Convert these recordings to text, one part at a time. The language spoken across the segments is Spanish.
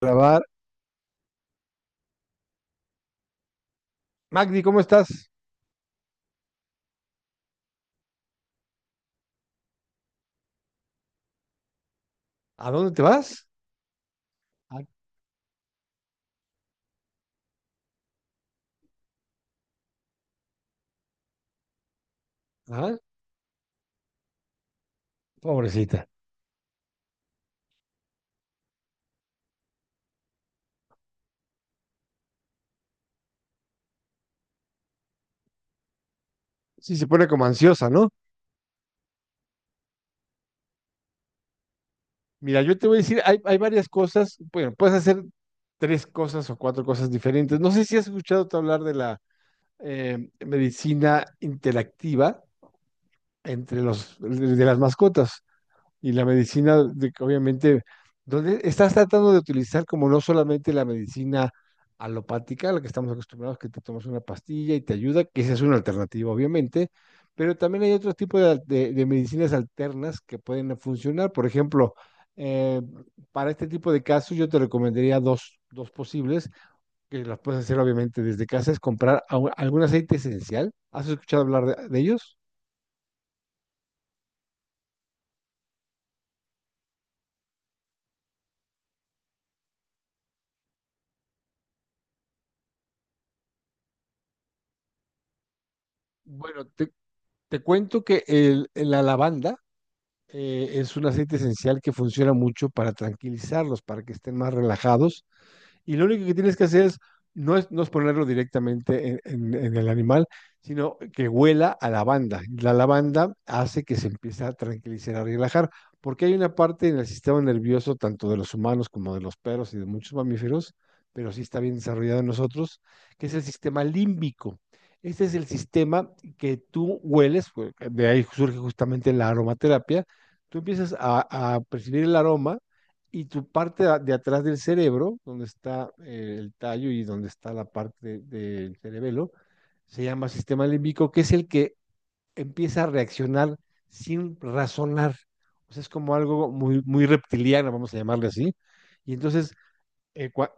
Grabar. Magdi, ¿cómo estás? ¿A dónde te vas? Ah, ah, Pobrecita. Sí, se pone como ansiosa, ¿no? Mira, yo te voy a decir, hay varias cosas, bueno, puedes hacer tres cosas o cuatro cosas diferentes. No sé si has escuchado tú hablar de la medicina interactiva entre los de las mascotas, y la medicina, de que obviamente, donde estás tratando de utilizar como no solamente la medicina alopática, a la que estamos acostumbrados, que te tomas una pastilla y te ayuda, que esa es una alternativa, obviamente, pero también hay otro tipo de, de medicinas alternas que pueden funcionar. Por ejemplo, eh, para este tipo de casos, yo te recomendaría dos posibles, que las puedes hacer obviamente desde casa, es comprar algún aceite esencial. ¿Has escuchado hablar de ellos? Bueno, te, Te cuento que la lavanda, es un aceite esencial que funciona mucho para tranquilizarlos, para que estén más relajados, y lo único que tienes que hacer es no es ponerlo directamente en, en el animal, sino que huela a lavanda. La lavanda hace que se empiece a tranquilizar, a relajar, porque hay una parte en el sistema nervioso, tanto de los humanos como de los perros y de muchos mamíferos, pero sí está bien desarrollado en nosotros, que es el sistema límbico. Este es el sistema que tú hueles, de ahí surge justamente la aromaterapia. Tú empiezas a percibir el aroma, y tu parte de atrás del cerebro, donde está el tallo y donde está la parte del cerebelo, se llama sistema límbico, que es el que empieza a reaccionar sin razonar. O sea, es como algo muy, muy reptiliano, vamos a llamarle así. Y entonces, eh, cua-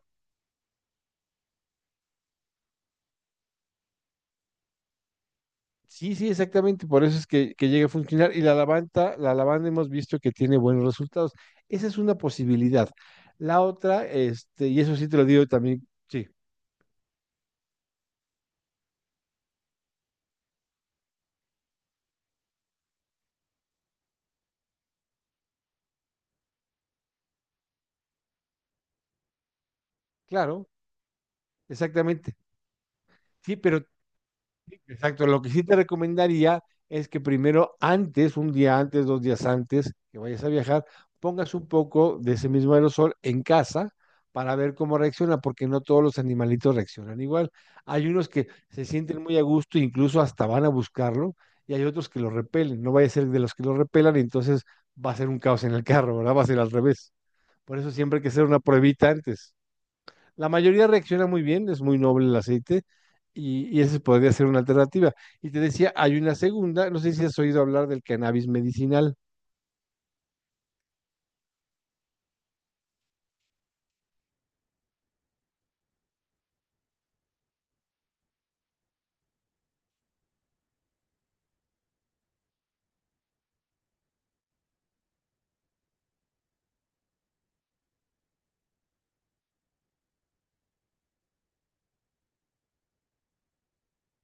sí, sí, exactamente, por eso es que llega a funcionar. Y la lavanda hemos visto que tiene buenos resultados. Esa es una posibilidad. La otra, este, y eso sí te lo digo también, sí, claro, exactamente. Sí, pero exacto, lo que sí te recomendaría es que primero, antes, un día antes, dos días antes que vayas a viajar, pongas un poco de ese mismo aerosol en casa para ver cómo reacciona, porque no todos los animalitos reaccionan igual. Hay unos que se sienten muy a gusto, incluso hasta van a buscarlo, y hay otros que lo repelen. No vaya a ser de los que lo repelan, y entonces va a ser un caos en el carro, ¿verdad? Va a ser al revés. Por eso siempre hay que hacer una pruebita antes. La mayoría reacciona muy bien, es muy noble el aceite, y esa podría ser una alternativa. Y te decía, hay una segunda, no sé si has oído hablar del cannabis medicinal.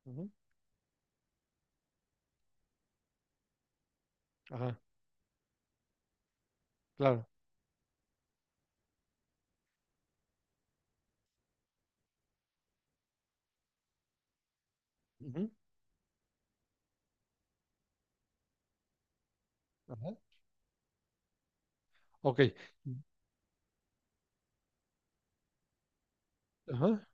Ujú, ajá, claro. Ujú, ajá, ok, ajá,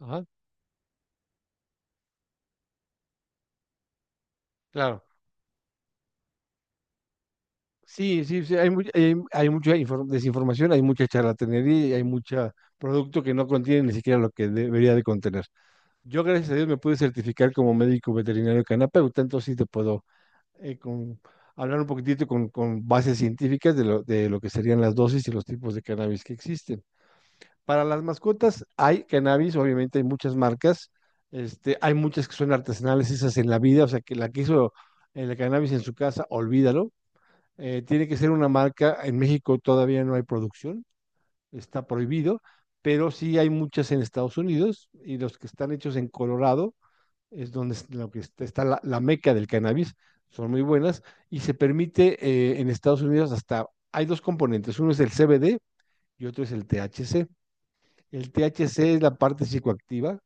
ajá, claro. Sí, sí, sí, hay mucha desinformación, hay mucha charlatanería y hay mucho producto que no contiene ni siquiera lo que debería de contener. Yo, gracias a Dios, me pude certificar como médico veterinario canapeuta, entonces sí te puedo eh, con, hablar un poquitito con bases científicas de de lo que serían las dosis y los tipos de cannabis que existen. Para las mascotas hay cannabis, obviamente hay muchas marcas, este, hay muchas que son artesanales, esas en la vida, o sea, que la que hizo el cannabis en su casa, olvídalo. Tiene que ser una marca, en México todavía no hay producción, está prohibido, pero sí hay muchas en Estados Unidos, y los que están hechos en Colorado es donde lo que está, está la, la meca del cannabis, son muy buenas, y se permite en Estados Unidos hasta, hay dos componentes, uno es el CBD y otro es el THC. El THC es la parte psicoactiva,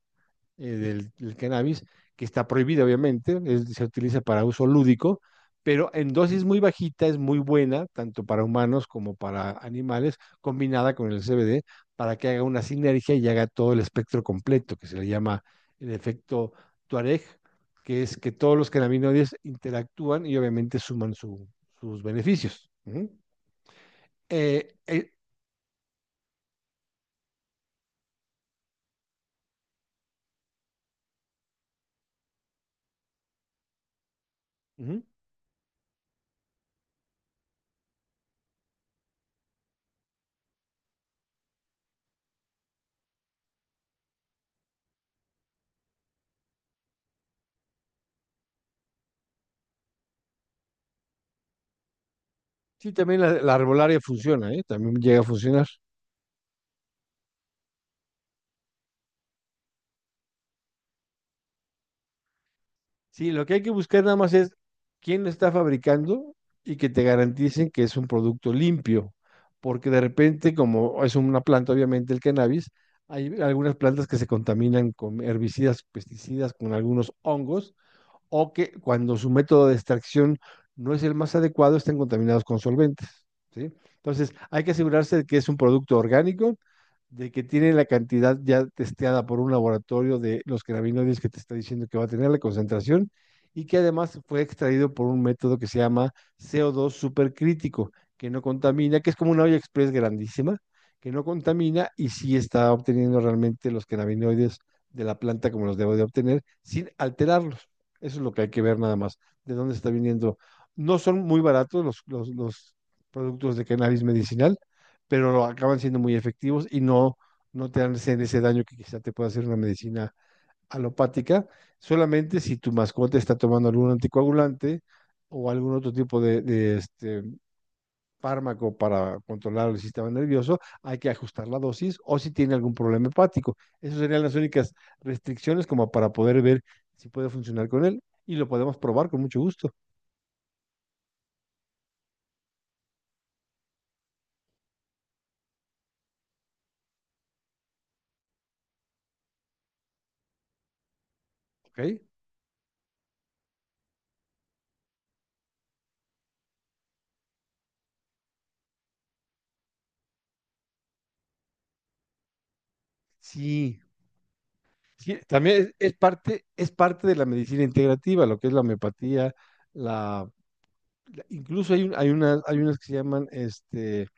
del cannabis, que está prohibida obviamente, se utiliza para uso lúdico, pero en dosis muy bajita es muy buena, tanto para humanos como para animales, combinada con el CBD, para que haga una sinergia y haga todo el espectro completo, que se le llama el efecto Tuareg, que es que todos los cannabinoides interactúan y obviamente suman sus beneficios. Ujú. Eh, eh, ujú. Sí, también la arbolaria funciona, ¿eh? También llega a funcionar. Sí, lo que hay que buscar nada más es quién lo está fabricando y que te garanticen que es un producto limpio, porque de repente, como es una planta, obviamente el cannabis, hay algunas plantas que se contaminan con herbicidas, pesticidas, con algunos hongos, o que cuando su método de extracción no es el más adecuado, estén contaminados con solventes. ¿Sí? Entonces, hay que asegurarse de que es un producto orgánico, de que tiene la cantidad ya testeada por un laboratorio de los cannabinoides que te está diciendo que va a tener la concentración, y que además fue extraído por un método que se llama CO2 supercrítico, que no contamina, que es como una olla express grandísima, que no contamina y sí está obteniendo realmente los cannabinoides de la planta como los debo de obtener sin alterarlos. Eso es lo que hay que ver nada más, de dónde está viniendo. No son muy baratos los productos de cannabis medicinal, pero acaban siendo muy efectivos y no te hacen ese daño que quizá te pueda hacer una medicina alopática, solamente si tu mascota está tomando algún anticoagulante o algún otro tipo este fármaco para controlar el sistema nervioso, hay que ajustar la dosis o si tiene algún problema hepático. Esas serían las únicas restricciones como para poder ver si puede funcionar con él y lo podemos probar con mucho gusto. ¿Ok? Sí. Sí, también es parte, es parte de la medicina integrativa, lo que es la homeopatía, la, la incluso hay unas que se llaman, este,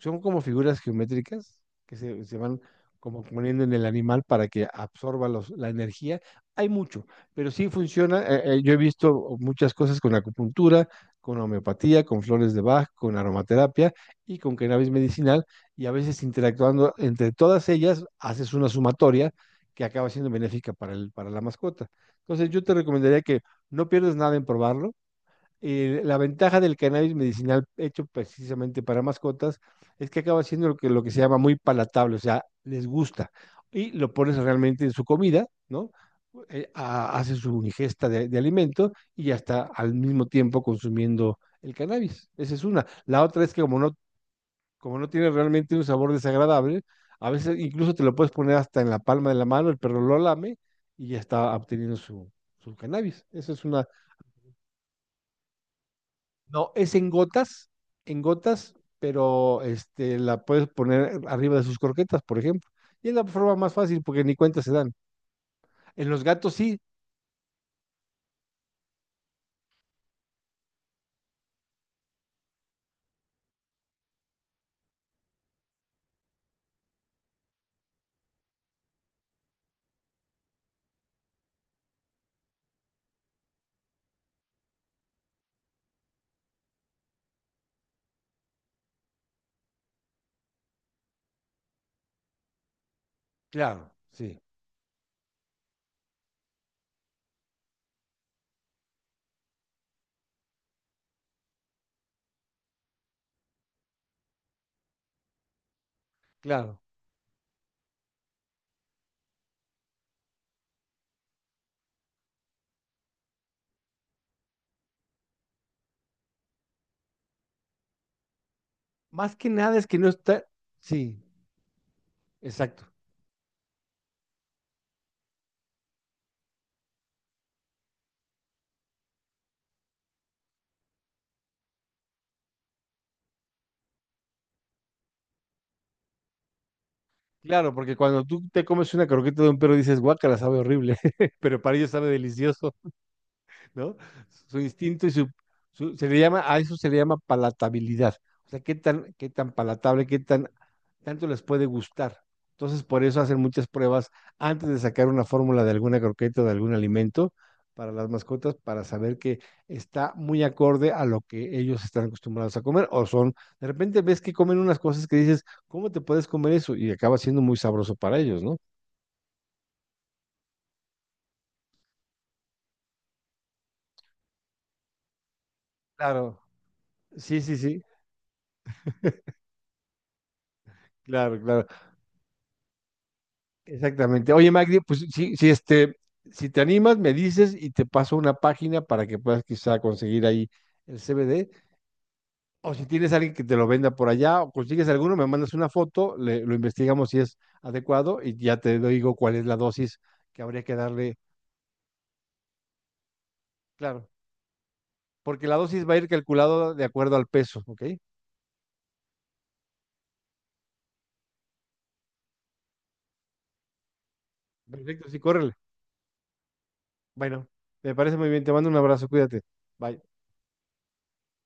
son como figuras geométricas que se van como poniendo en el animal para que absorba la energía. Hay mucho, pero sí funciona. Yo he visto muchas cosas con acupuntura, con homeopatía, con flores de Bach, con aromaterapia y con cannabis medicinal. Y a veces interactuando entre todas ellas, haces una sumatoria que acaba siendo benéfica para el, para la mascota. Entonces yo te recomendaría que no pierdas nada en probarlo. La ventaja del cannabis medicinal hecho precisamente para mascotas es que acaba siendo lo que se llama muy palatable, o sea, les gusta. Y lo pones realmente en su comida, ¿no? Hace su ingesta de alimento y ya está al mismo tiempo consumiendo el cannabis. Esa es una. La otra es que como no tiene realmente un sabor desagradable, a veces incluso te lo puedes poner hasta en la palma de la mano, el perro lo lame y ya está obteniendo su, su cannabis. Esa es una. No, es en gotas, pero este, la puedes poner arriba de sus croquetas, por ejemplo. Y es la forma más fácil porque ni cuenta se dan. En los gatos sí, claro, sí, claro. Más que nada es que no está, sí, exacto. Claro, porque cuando tú te comes una croqueta de un perro dices, guácala, sabe horrible, pero para ellos sabe delicioso. ¿No? Su instinto y su, se le llama, a eso se le llama palatabilidad. O sea, qué tan palatable, qué tan, tanto les puede gustar. Entonces, por eso hacen muchas pruebas antes de sacar una fórmula de alguna croqueta o de algún alimento para las mascotas, para saber que está muy acorde a lo que ellos están acostumbrados a comer, o son, de repente ves que comen unas cosas que dices, ¿cómo te puedes comer eso? Y acaba siendo muy sabroso para ellos, ¿no? Claro, sí, sí, sí, claro, claro. Exactamente. Oye, Magdi, pues si, si, este, si te animas, me dices y te paso una página para que puedas quizá conseguir ahí el CBD. O si tienes alguien que te lo venda por allá, o consigues alguno, me mandas una foto, lo investigamos si es adecuado y ya te digo cuál es la dosis que habría que darle. Claro, porque la dosis va a ir calculada de acuerdo al peso, ¿ok? Perfecto, sí, córrele. Bueno, me parece muy bien. Te mando un abrazo, cuídate. Bye.